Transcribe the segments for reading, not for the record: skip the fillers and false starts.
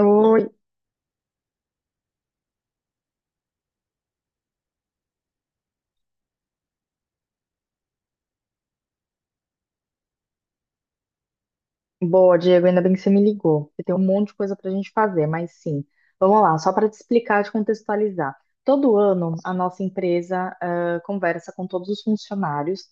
Oi, boa, Diego. Ainda bem que você me ligou. Você tem um monte de coisa para a gente fazer, mas sim. Vamos lá, só para te explicar, te contextualizar. Todo ano, a nossa empresa conversa com todos os funcionários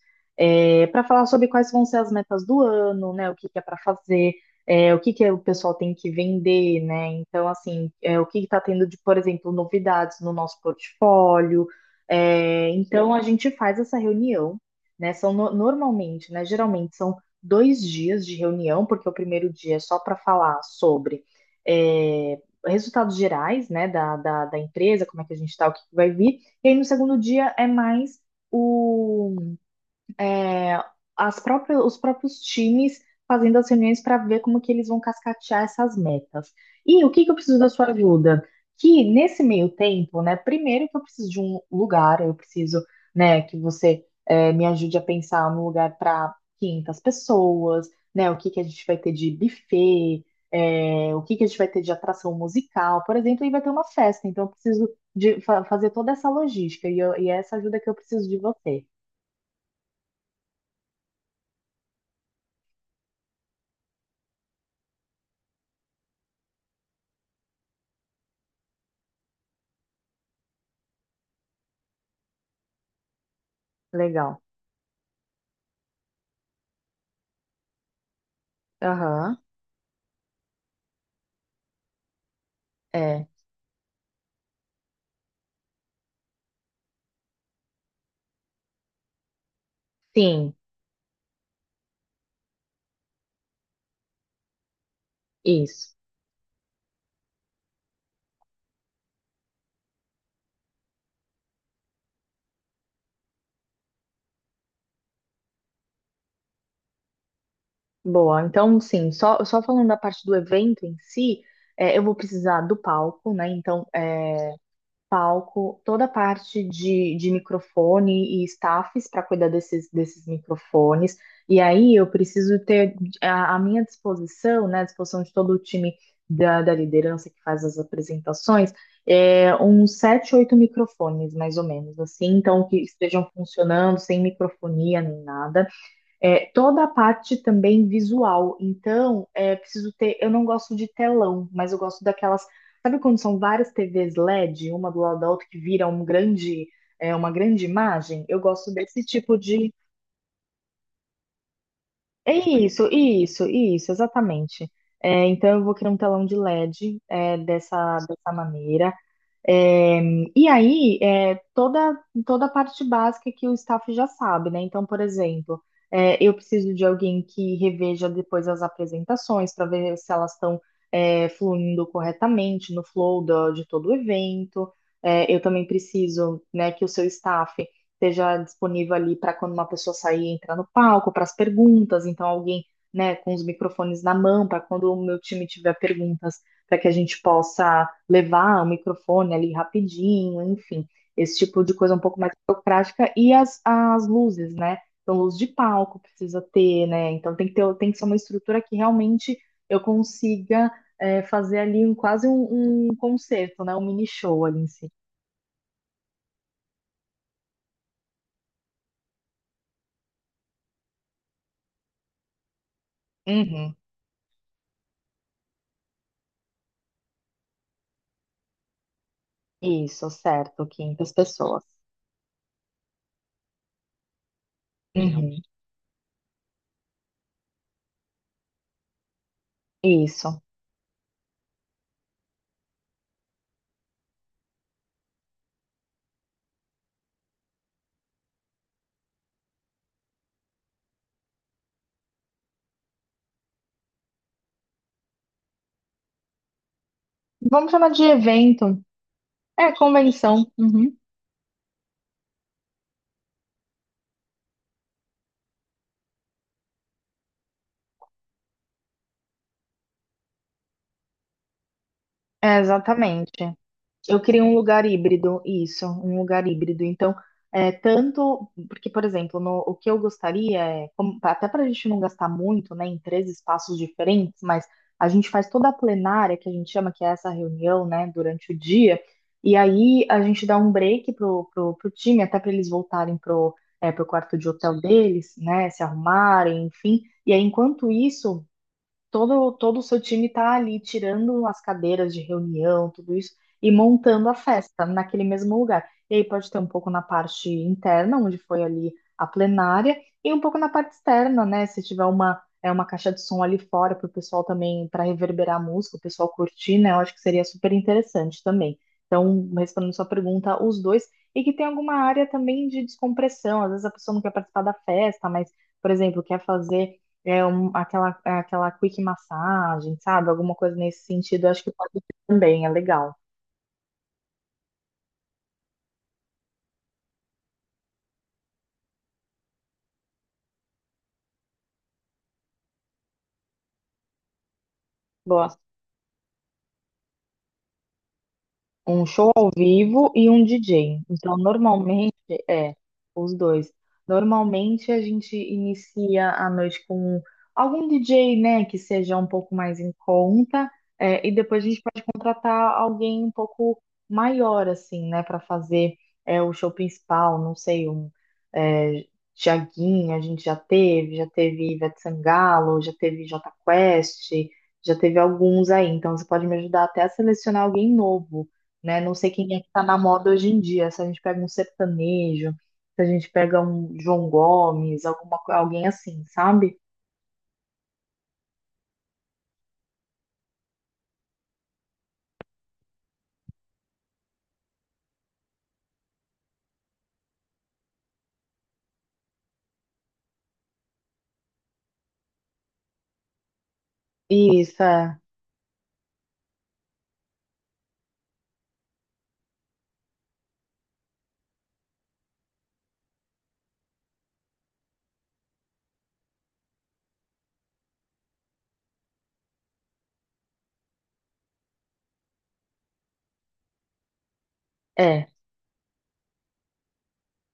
para falar sobre quais vão ser as metas do ano, né? O que que é para fazer, o que que o pessoal tem que vender, né? Então, assim, o que está tendo de, por exemplo, novidades no nosso portfólio. Então, a gente faz essa reunião, né, são normalmente, né, geralmente são dois dias de reunião, porque o primeiro dia é só para falar sobre, é, resultados gerais, né, da empresa, como é que a gente está, o que que vai vir. E aí no segundo dia é mais o, é, as próprias, os próprios times fazendo as reuniões para ver como que eles vão cascatear essas metas. E o que que eu preciso da sua ajuda? Que nesse meio tempo, né, primeiro que eu preciso de um lugar, eu preciso, né, que você me ajude a pensar num lugar para 500 pessoas, né, o que que a gente vai ter de buffet, o que que a gente vai ter de atração musical, por exemplo, aí vai ter uma festa, então eu preciso de fazer toda essa logística e, e é essa ajuda que eu preciso de você. Legal. Aham. É, sim, isso. Boa. Então, sim, só, só falando da parte do evento em si, é, eu vou precisar do palco, né? Então, é, palco, toda a parte de microfone e staffs para cuidar desses, desses microfones. E aí eu preciso ter a minha disposição, né? A disposição de todo o time da, da liderança que faz as apresentações, é, uns sete, oito microfones, mais ou menos, assim, então que estejam funcionando sem microfonia nem nada. É, toda a parte também visual. Então, é preciso ter. Eu não gosto de telão, mas eu gosto daquelas. Sabe quando são várias TVs LED, uma do lado da outra, que vira um grande, é, uma grande imagem? Eu gosto desse tipo de. É isso, isso, isso, exatamente. É, então, eu vou criar um telão de LED, é, dessa, dessa maneira. É, e aí, é, toda, toda a parte básica que o staff já sabe, né? Então, por exemplo, é, eu preciso de alguém que reveja depois as apresentações para ver se elas estão, é, fluindo corretamente no flow de todo o evento. É, eu também preciso, né, que o seu staff esteja disponível ali para quando uma pessoa sair e entrar no palco, para as perguntas. Então, alguém, né, com os microfones na mão, para quando o meu time tiver perguntas, para que a gente possa levar o microfone ali rapidinho, enfim, esse tipo de coisa um pouco mais burocrática. E as luzes, né? Então, luz de palco precisa ter, né? Então, tem que ter, tem que ser uma estrutura que realmente eu consiga, é, fazer ali um, quase um, um concerto, né? Um mini show ali em si. Uhum. Isso, certo, 500 pessoas. Uhum. Isso. Vamos chamar de evento. É, convenção. Uhum. É, exatamente. Eu queria um lugar híbrido, isso, um lugar híbrido. Então, é, tanto, porque, por exemplo, o que eu gostaria é, como, até para a gente não gastar muito, né, em três espaços diferentes, mas a gente faz toda a plenária, que a gente chama, que é essa reunião, né, durante o dia, e aí a gente dá um break pro time, até para eles voltarem pro, é, pro quarto de hotel deles, né, se arrumarem, enfim. E aí, enquanto isso todo o seu time está ali tirando as cadeiras de reunião, tudo isso, e montando a festa naquele mesmo lugar. E aí pode ter um pouco na parte interna, onde foi ali a plenária, e um pouco na parte externa, né? Se tiver uma, é, uma caixa de som ali fora para o pessoal também, para reverberar a música, o pessoal curtir, né? Eu acho que seria super interessante também. Então, respondendo sua pergunta, os dois, e que tem alguma área também de descompressão. Às vezes a pessoa não quer participar da festa, mas, por exemplo, quer fazer aquela, é, aquela quick massagem, sabe? Alguma coisa nesse sentido, eu acho que pode ser também, é legal. Gosto. Um show ao vivo e um DJ. Então, normalmente, é, os dois. Normalmente a gente inicia a noite com algum DJ, né, que seja um pouco mais em conta, é, e depois a gente pode contratar alguém um pouco maior, assim, né, para fazer, é, o show principal. Não sei, um, é, Tiaguinho, a gente já teve Ivete Sangalo, já teve Jota Quest, já teve alguns aí. Então, você pode me ajudar até a selecionar alguém novo, né? Não sei quem é que tá na moda hoje em dia. Se a gente pega um sertanejo, se a gente pega um João Gomes, alguma, alguém assim, sabe? E isso é, é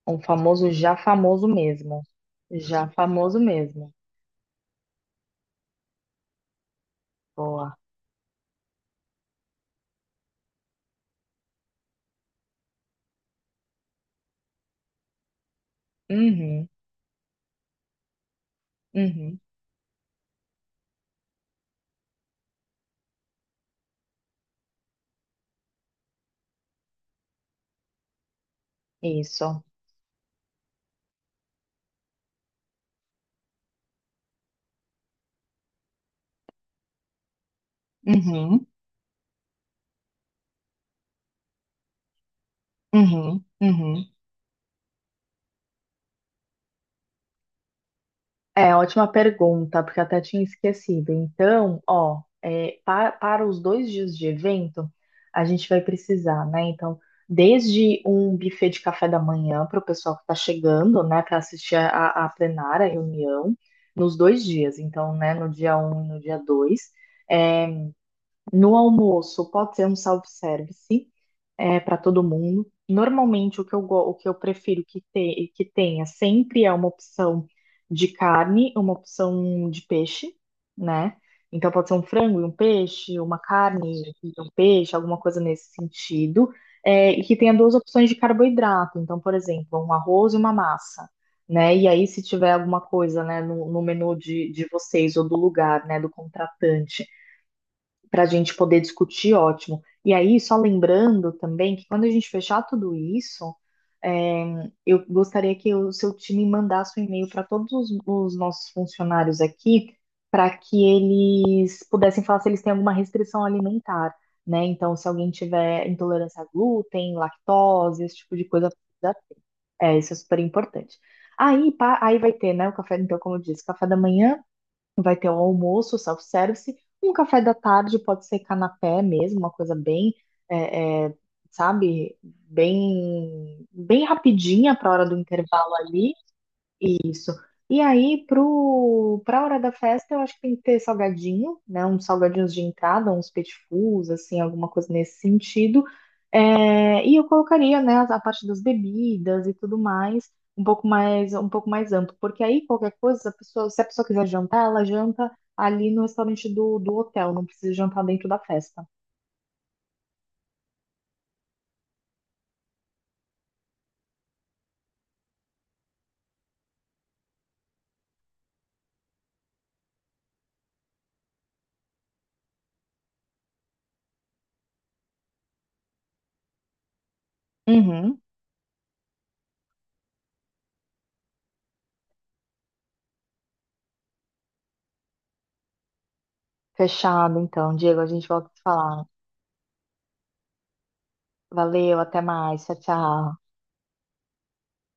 um famoso já famoso mesmo. Já famoso mesmo. Boa. Uhum, uhum. Isso. Uhum, uhum, uhum. É, ótima pergunta, porque eu até tinha esquecido. Então, ó, é, para, os dois dias de evento, a gente vai precisar, né? Então, desde um buffet de café da manhã para o pessoal que está chegando, né, para assistir a plenária, a reunião, nos dois dias. Então, né, no dia um e no dia 2. No almoço, pode ser um self-service, para todo mundo. Normalmente, o que eu, o que eu prefiro que, que tenha sempre é uma opção de carne, uma opção de peixe, né? Então, pode ser um frango e um peixe, uma carne e um peixe, alguma coisa nesse sentido. É, e que tenha duas opções de carboidrato. Então, por exemplo, um arroz e uma massa. Né? E aí, se tiver alguma coisa, né, no, no menu de vocês ou do lugar, né, do contratante, para a gente poder discutir, ótimo. E aí, só lembrando também que, quando a gente fechar tudo isso, é, eu gostaria que o seu time mandasse um e-mail para todos os nossos funcionários aqui, para que eles pudessem falar se eles têm alguma restrição alimentar, né? Então, se alguém tiver intolerância a glúten, lactose, esse tipo de coisa, é, isso é super importante. Aí, pá, aí vai ter, né, o café, então, como eu disse, café da manhã, vai ter o almoço, o self-service, um café da tarde, pode ser canapé mesmo, uma coisa bem, é, é, sabe, bem, bem rapidinha para a hora do intervalo ali. E aí, pro, para a hora da festa, eu acho que tem que ter salgadinho, né? Uns salgadinhos de entrada, uns petit fours, assim, alguma coisa nesse sentido. É, e eu colocaria, né, a parte das bebidas e tudo mais, um pouco mais, um pouco mais amplo, porque aí qualquer coisa, a pessoa, se a pessoa quiser jantar, ela janta ali no restaurante do, do hotel, não precisa jantar dentro da festa. Uhum. Fechado, então, Diego, a gente volta a se falar. Valeu, até mais, tchau, tchau.